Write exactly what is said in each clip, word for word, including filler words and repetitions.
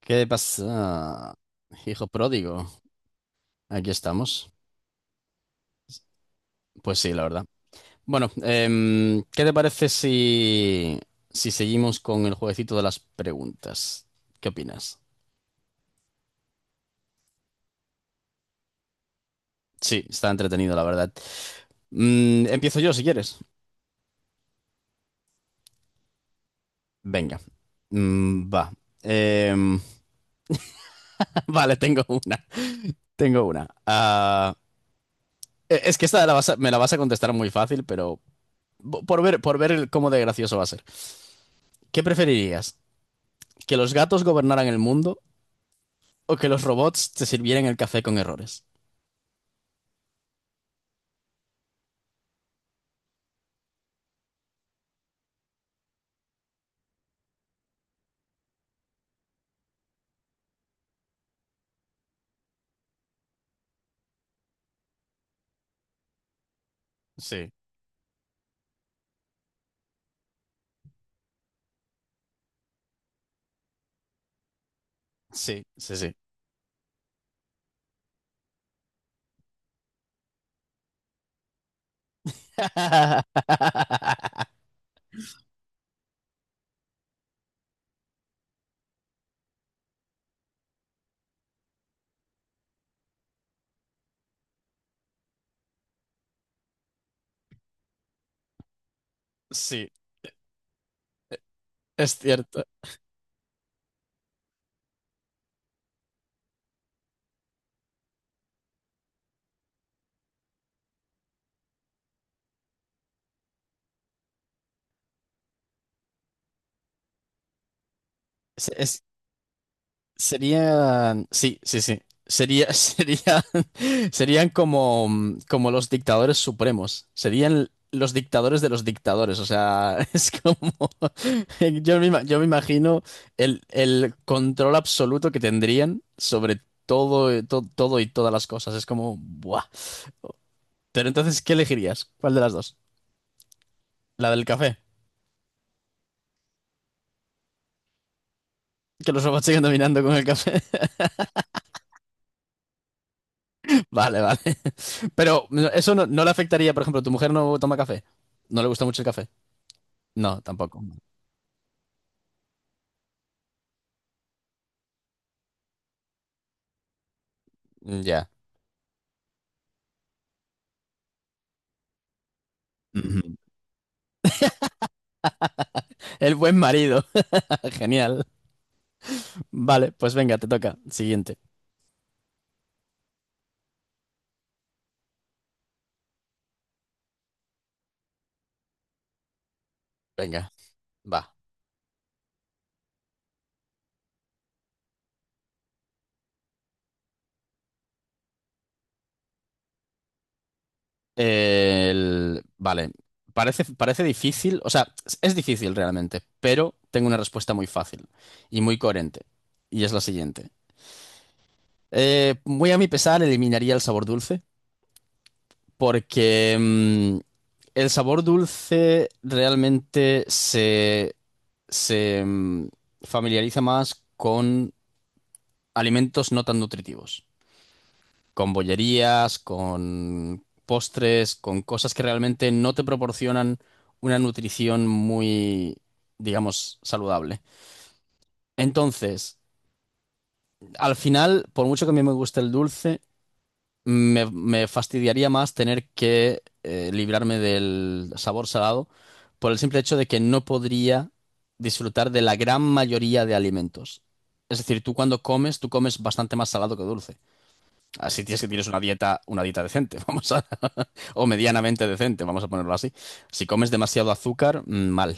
¿Qué pasa? Hijo pródigo, aquí estamos. Pues sí, la verdad. Bueno, em, ¿qué te parece si, si seguimos con el jueguecito de las preguntas? ¿Qué opinas? Sí, está entretenido, la verdad. Mm, empiezo yo, si quieres. Venga. Mm, va. Em, vale, tengo una. Tengo una. Ah, e- es que esta la vas a- me la vas a contestar muy fácil, pero bo- por ver, por ver el- cómo de gracioso va a ser. ¿Qué preferirías? ¿Que los gatos gobernaran el mundo? ¿O que los robots te sirvieran el café con errores? Sí, sí, sí, sí. Sí, es cierto. Se- es- Serían, sí, sí, sí. Sería, serían, serían como, mm, como los dictadores supremos. Serían los dictadores de los dictadores. O sea, es como, yo me, ima- yo me imagino el, el control absoluto que tendrían sobre todo, to- todo y todas las cosas. Es como, ¡buah! Pero entonces, ¿qué elegirías? ¿Cuál de las dos? ¿La del café? Que los robots siguen dominando con el café. Vale, vale. Pero no- eso no, no le afectaría, por ejemplo, tu mujer no toma café. No le gusta mucho el café. No, tampoco. Mm, Ya. Ujú. El buen marido. Genial. Vale, pues venga, te toca. Siguiente. Venga, va. El- Vale. Parece, parece difícil, o sea, es difícil realmente, pero tengo una respuesta muy fácil y muy coherente. Y es la siguiente. Eh, muy a mi pesar, eliminaría el sabor dulce, porque mm, el sabor dulce realmente se, se mm, familiariza más con alimentos no tan nutritivos, con bollerías, con postres, con cosas que realmente no te proporcionan una nutrición muy, digamos, saludable. Entonces, al final, por mucho que a mí me guste el dulce, Me, me fastidiaría más tener que eh, librarme del sabor salado por el simple hecho de que no podría disfrutar de la gran mayoría de alimentos. Es decir, tú cuando comes, tú comes bastante más salado que dulce. Así tienes que tienes una dieta, una dieta decente, vamos a, o medianamente decente, vamos a ponerlo así. Si comes demasiado azúcar, mm, mal.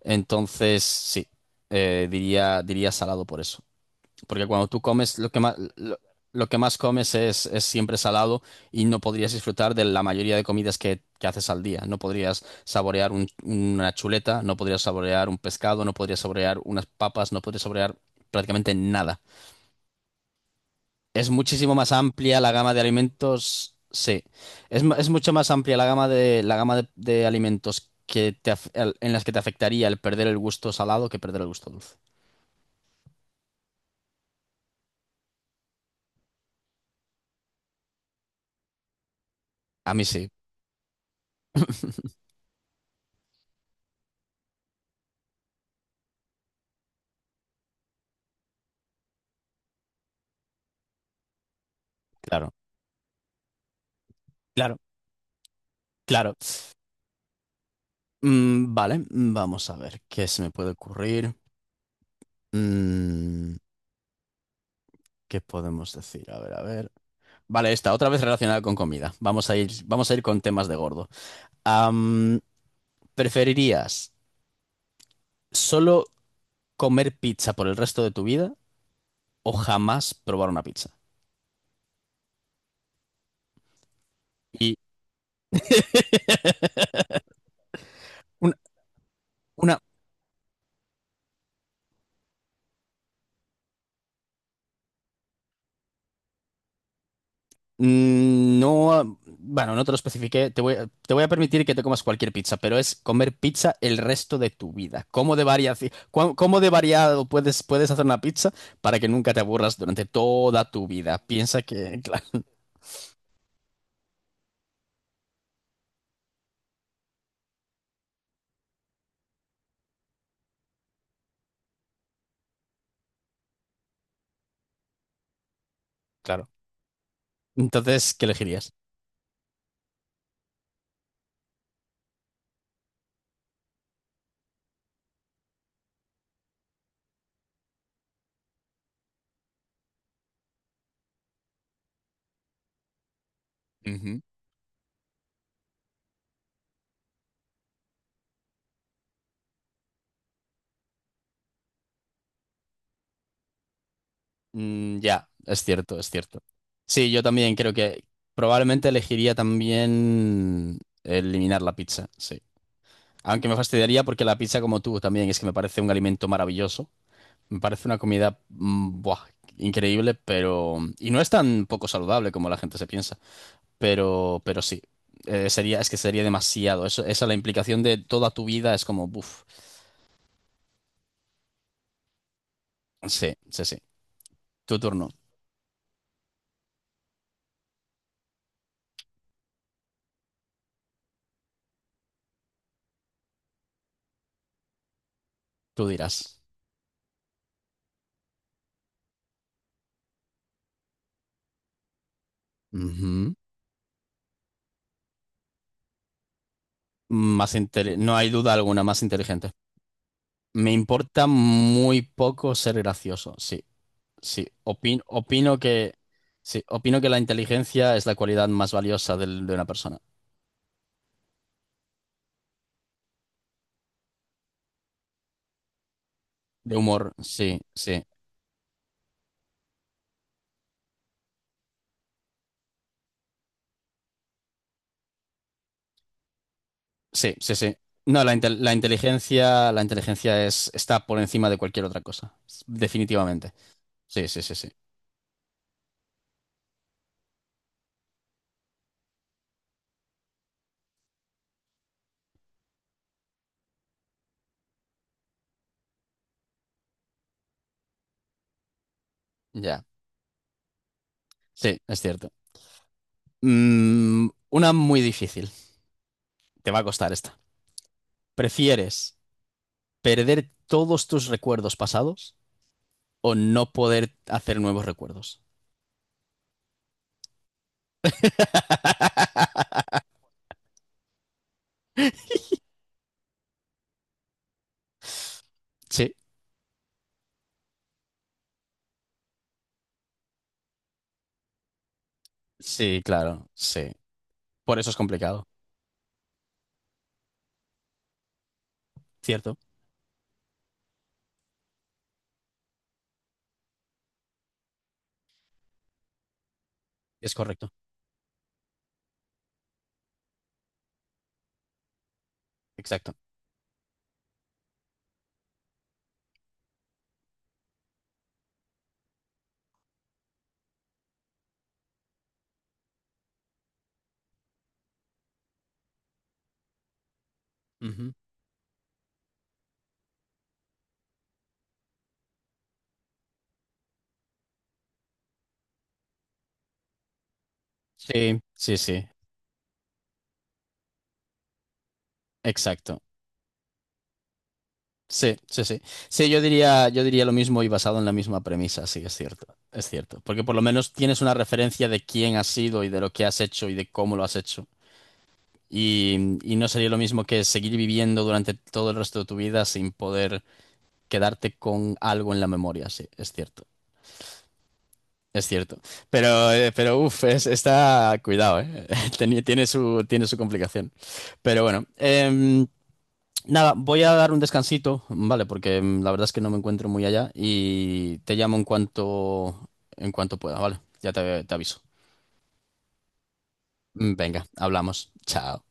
Entonces, sí, eh, diría, diría salado por eso. Porque cuando tú comes, lo que más, lo, lo que más comes es, es siempre salado y no podrías disfrutar de la mayoría de comidas que, que haces al día. No podrías saborear un- una chuleta, no podrías saborear un pescado, no podrías saborear unas papas, no podrías saborear prácticamente nada. Es muchísimo más amplia la gama de alimentos, sí. Es, mu- es mucho más amplia la gama de, la gama de, de alimentos que te af- el- en las que te afectaría el perder el gusto salado que perder el gusto dulce. A mí sí, claro. Claro, claro. Mm, vale, mm, vamos a ver qué se me puede ocurrir. Mm, ¿qué podemos decir? A ver, a ver. Vale, esta, otra vez relacionada con comida. Vamos a ir, vamos a ir con temas de gordo. Am, ¿preferirías solo comer pizza por el resto de tu vida o jamás probar una pizza? Y una, una, Mm, No, ah, bueno, no te lo especifiqué. Te voy, a- te voy a permitir que te comas cualquier pizza, pero es comer pizza el resto de tu vida. ¿Cómo de variaci- cuán- cómo de variado puedes, puedes hacer una pizza para que nunca te aburras durante toda tu vida? Piensa que, claro, claro. Entonces, ¿qué elegirías? Ujú. Mm, ya, es cierto, es cierto. Sí, yo también creo que probablemente elegiría también eliminar la pizza, sí. Aunque me fastidiaría porque la pizza, como tú, también es que me parece un alimento maravilloso. Me parece una comida mm, buah, increíble, pero... Y no es tan poco saludable como la gente se piensa, pero, pero sí. Eh, sería, es que sería demasiado. Eso, esa es la implicación de toda tu vida es como, buf. Sí, sí, sí. Tu turno, tú dirás. Ujú. Más inte- no hay duda alguna, más inteligente. Me importa muy poco ser gracioso, sí, sí. Opin- opino que, sí, opino que la inteligencia es la cualidad más valiosa del- de una persona. De humor, sí, sí. Sí, sí, sí. No, la, intel- la inteligencia, la inteligencia es, está por encima de cualquier otra cosa. Definitivamente. Sí, sí, sí, sí. Ya. Sí, es cierto. Mm, una muy difícil. Te va a costar esta. ¿Prefieres perder todos tus recuerdos pasados o no poder hacer nuevos recuerdos? Sí, sí, claro, sí. Por eso es complicado. Cierto, es correcto. Exacto. Ujú. Sí, sí, sí. Exacto. Sí, sí, sí. Sí, yo diría, yo diría lo mismo y basado en la misma premisa, sí, es cierto, es cierto. Porque por lo menos tienes una referencia de quién has sido y de lo que has hecho y de cómo lo has hecho. Y, y no sería lo mismo que seguir viviendo durante todo el resto de tu vida sin poder quedarte con algo en la memoria, sí, es cierto, es cierto. Pero, eh, pero uff, es, está, cuidado, eh. Tiene, tiene su, tiene su complicación. Pero bueno, em, nada, voy a dar un descansito, vale, porque mm, la verdad es que no me encuentro muy allá y te llamo en cuanto en cuanto pueda, vale. Ya te, te aviso. Mm, Venga, hablamos. Chao.